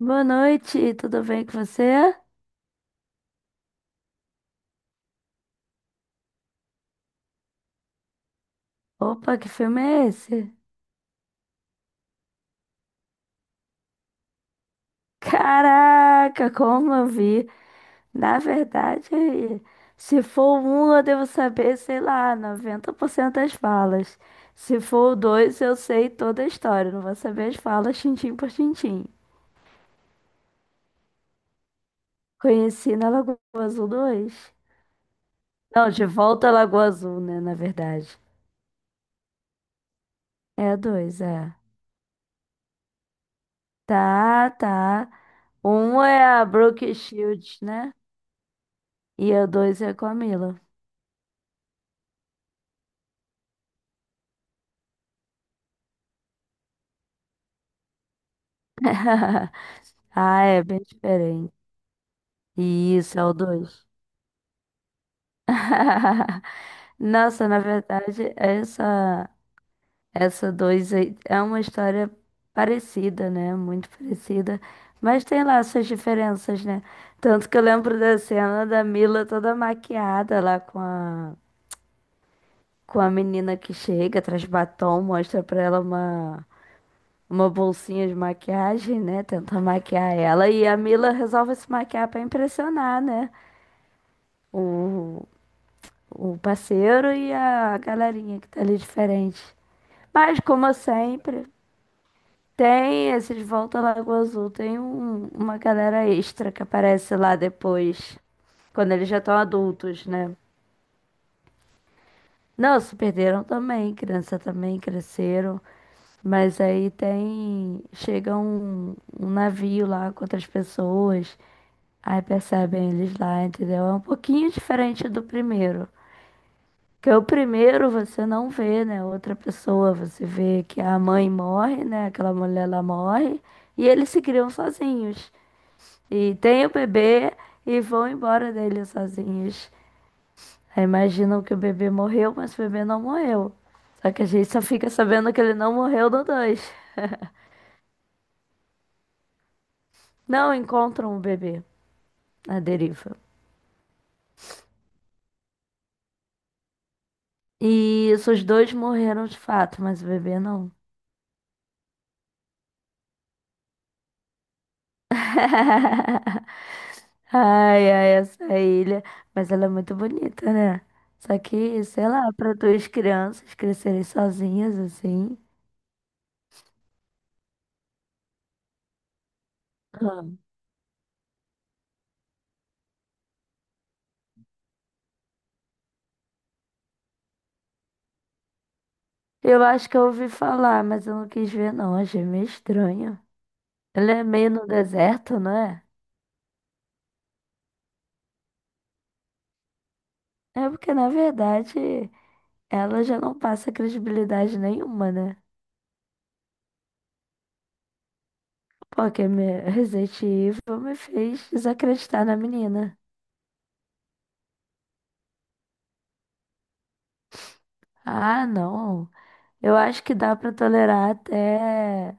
Boa noite, tudo bem com você? Opa, que filme é esse? Caraca, como eu vi. Na verdade, se for o um, eu devo saber, sei lá, 90% das falas. Se for o dois, eu sei toda a história, não vou saber as falas tintim por tintim. Conheci na Lagoa Azul 2? Não, de volta à Lagoa Azul, né, na verdade. É dois, é. Tá, tá. Um é a Brooke Shields, né? E a dois é com a Mila. Ah, é bem diferente. Isso, é o 2. Nossa, na verdade, essa 2 é uma história parecida, né? Muito parecida. Mas tem lá suas diferenças, né? Tanto que eu lembro da cena da Mila toda maquiada lá com com a menina que chega, traz batom, mostra pra ela uma bolsinha de maquiagem, né? Tenta maquiar ela. E a Mila resolve se maquiar pra impressionar, né? o, o parceiro e a galerinha que tá ali diferente. Mas, como sempre, tem esses Volta à Lagoa Azul, tem uma galera extra que aparece lá depois, quando eles já estão adultos, né? Não, se perderam também, criança também cresceram, mas aí tem, chega um, um navio lá com outras pessoas, aí percebem eles lá, entendeu? É um pouquinho diferente do primeiro. Porque o primeiro você não vê, né? Outra pessoa, você vê que a mãe morre, né? Aquela mulher lá morre, e eles se criam sozinhos. E tem o bebê e vão embora dele sozinhos. Aí imaginam que o bebê morreu, mas o bebê não morreu. Só que a gente só fica sabendo que ele não morreu no dois. Não encontram o bebê na deriva. E isso, os dois morreram de fato, mas o bebê não. Ai, ai, essa ilha. Mas ela é muito bonita, né? Só que, sei lá, para duas crianças crescerem sozinhas assim. Ah. Eu acho que eu ouvi falar, mas eu não quis ver, não. Achei meio estranho. Ela é meio no deserto, não é? É porque, na verdade, ela já não passa credibilidade nenhuma, né? Porque Resident Evil me fez desacreditar na menina. Ah, não. Eu acho que dá pra tolerar até.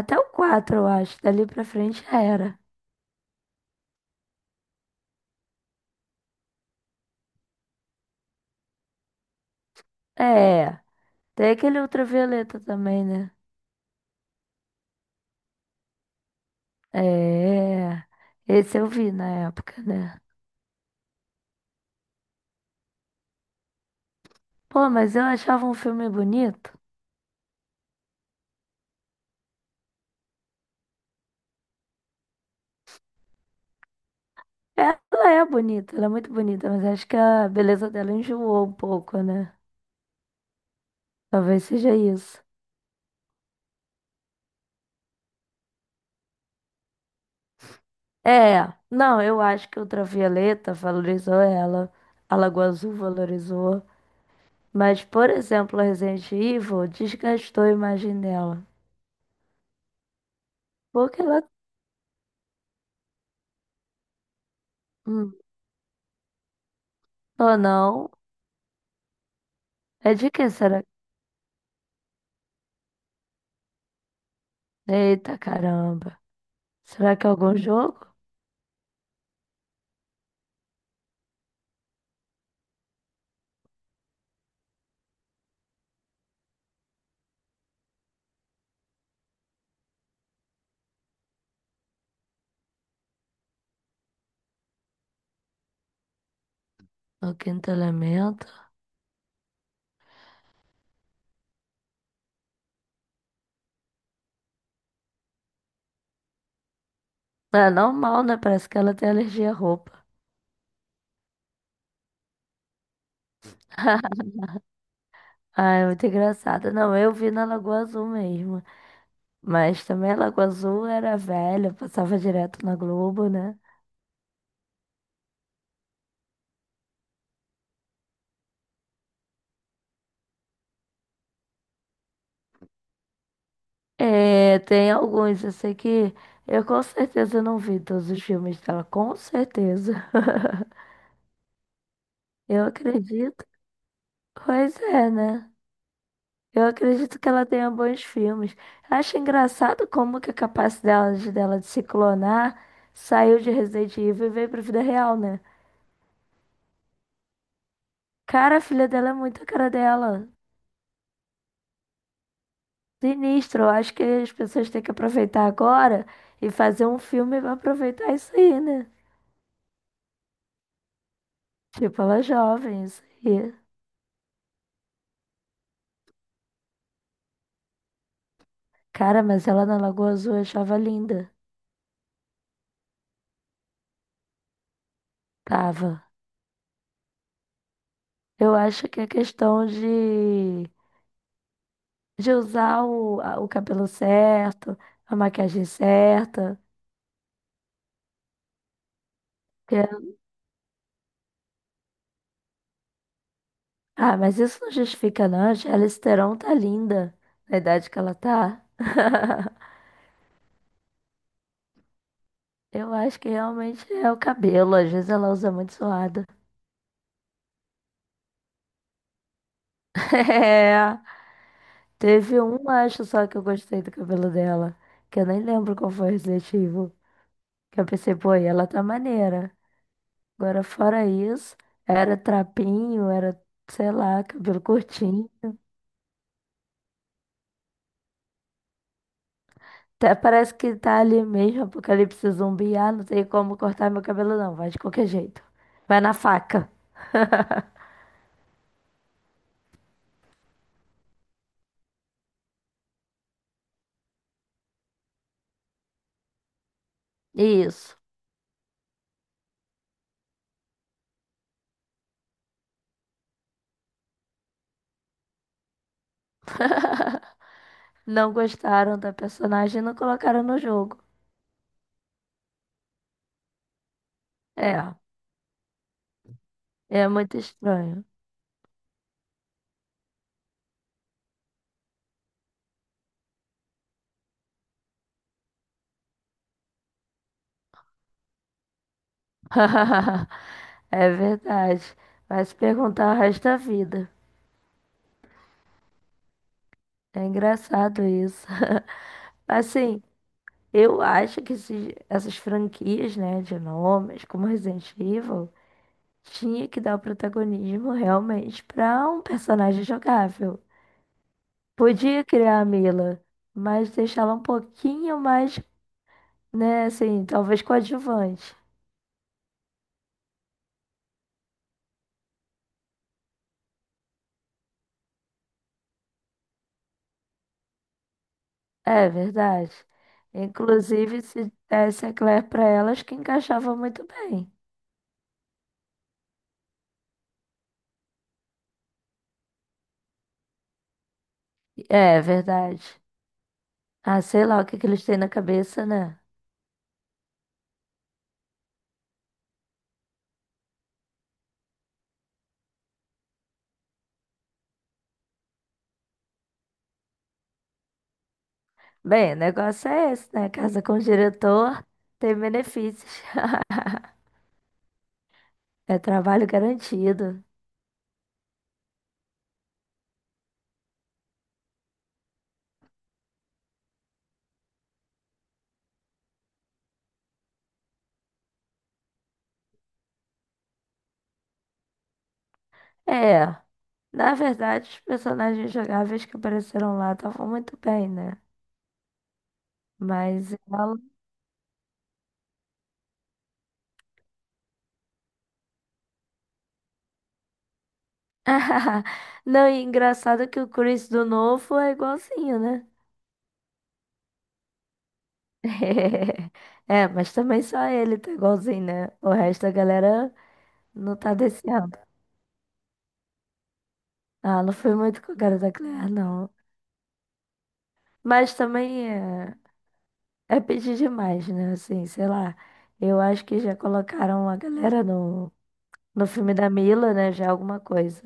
Até o 4 eu acho. Dali pra frente já era. É. Tem aquele ultravioleta também, né? É. Esse eu vi na época, né? Pô, mas eu achava um filme bonito. Ela é bonita, ela é muito bonita, mas acho que a beleza dela enjoou um pouco, né? Talvez seja isso. É, não, eu acho que Ultravioleta valorizou ela, a Lagoa Azul valorizou, mas, por exemplo, a Resident Evil desgastou a imagem dela. Porque ela. hum, Ou não? É de que será? Eita caramba. Será que é algum jogo? O quinto elemento? É normal, né? Parece que ela tem alergia à roupa. Ah, é muito engraçado. Não, eu vi na Lagoa Azul mesmo. Mas também a Lagoa Azul era velha, passava direto na Globo, né? É, tem alguns, eu sei que eu com certeza não vi todos os filmes dela, com certeza. Eu acredito. Pois é, né? Eu acredito que ela tenha bons filmes. Acho engraçado como que a capacidade dela de se clonar saiu de Resident Evil e veio pra vida real, né? Cara, a filha dela é muito a cara dela. Sinistro. Eu acho que as pessoas têm que aproveitar agora e fazer um filme pra aproveitar isso aí, né? Tipo, ela é jovem, isso aí. Cara, mas ela na Lagoa Azul eu achava linda. Tava. Eu acho que é questão de usar o cabelo certo, a maquiagem certa. porque- Ah, mas isso não justifica, não. A Charlize Theron tá linda na idade que ela tá. Eu acho que realmente é o cabelo. Às vezes ela usa muito suado. É, teve um, acho só que eu gostei do cabelo dela. Que eu nem lembro qual foi o objetivo. Que eu pensei, pô, e ela tá maneira. Agora, fora isso, era trapinho, sei lá, cabelo curtinho. Até parece que tá ali mesmo, apocalipse zumbi. Ah, não tem como cortar meu cabelo, não. Vai de qualquer jeito. Vai na faca. Isso. Não gostaram da personagem e não colocaram no jogo. É, é muito estranho. É verdade. Vai se perguntar o resto da vida. É engraçado isso. Assim, eu acho que essas franquias, né, de nomes, como Resident Evil. Tinha que dar o protagonismo realmente para um personagem jogável. Podia criar a Mila, mas deixá-la um pouquinho mais, né, assim, talvez coadjuvante. É verdade. Inclusive, se desse a Claire para elas, que encaixava muito bem. É verdade. Ah, sei lá o que que eles têm na cabeça, né? Bem, o negócio é esse, né? Casa com o diretor tem benefícios. É trabalho garantido. É, na verdade, os personagens jogáveis que apareceram lá estavam muito bem, né? Mas ela. Não, e engraçado que o Chris do novo é igualzinho, né? É, mas também só ele tá igualzinho, né? O resto da galera não tá descendo. Ah, não foi muito com a cara da Claire, não. Mas também é pedir demais, né? Assim, sei lá. Eu acho que já colocaram a galera no filme da Mila, né? Já é alguma coisa.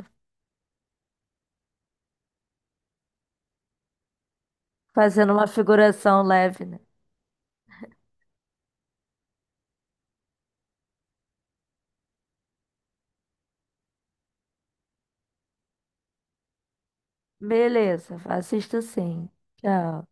Fazendo uma figuração leve, né? Beleza, assisto sim. Tchau.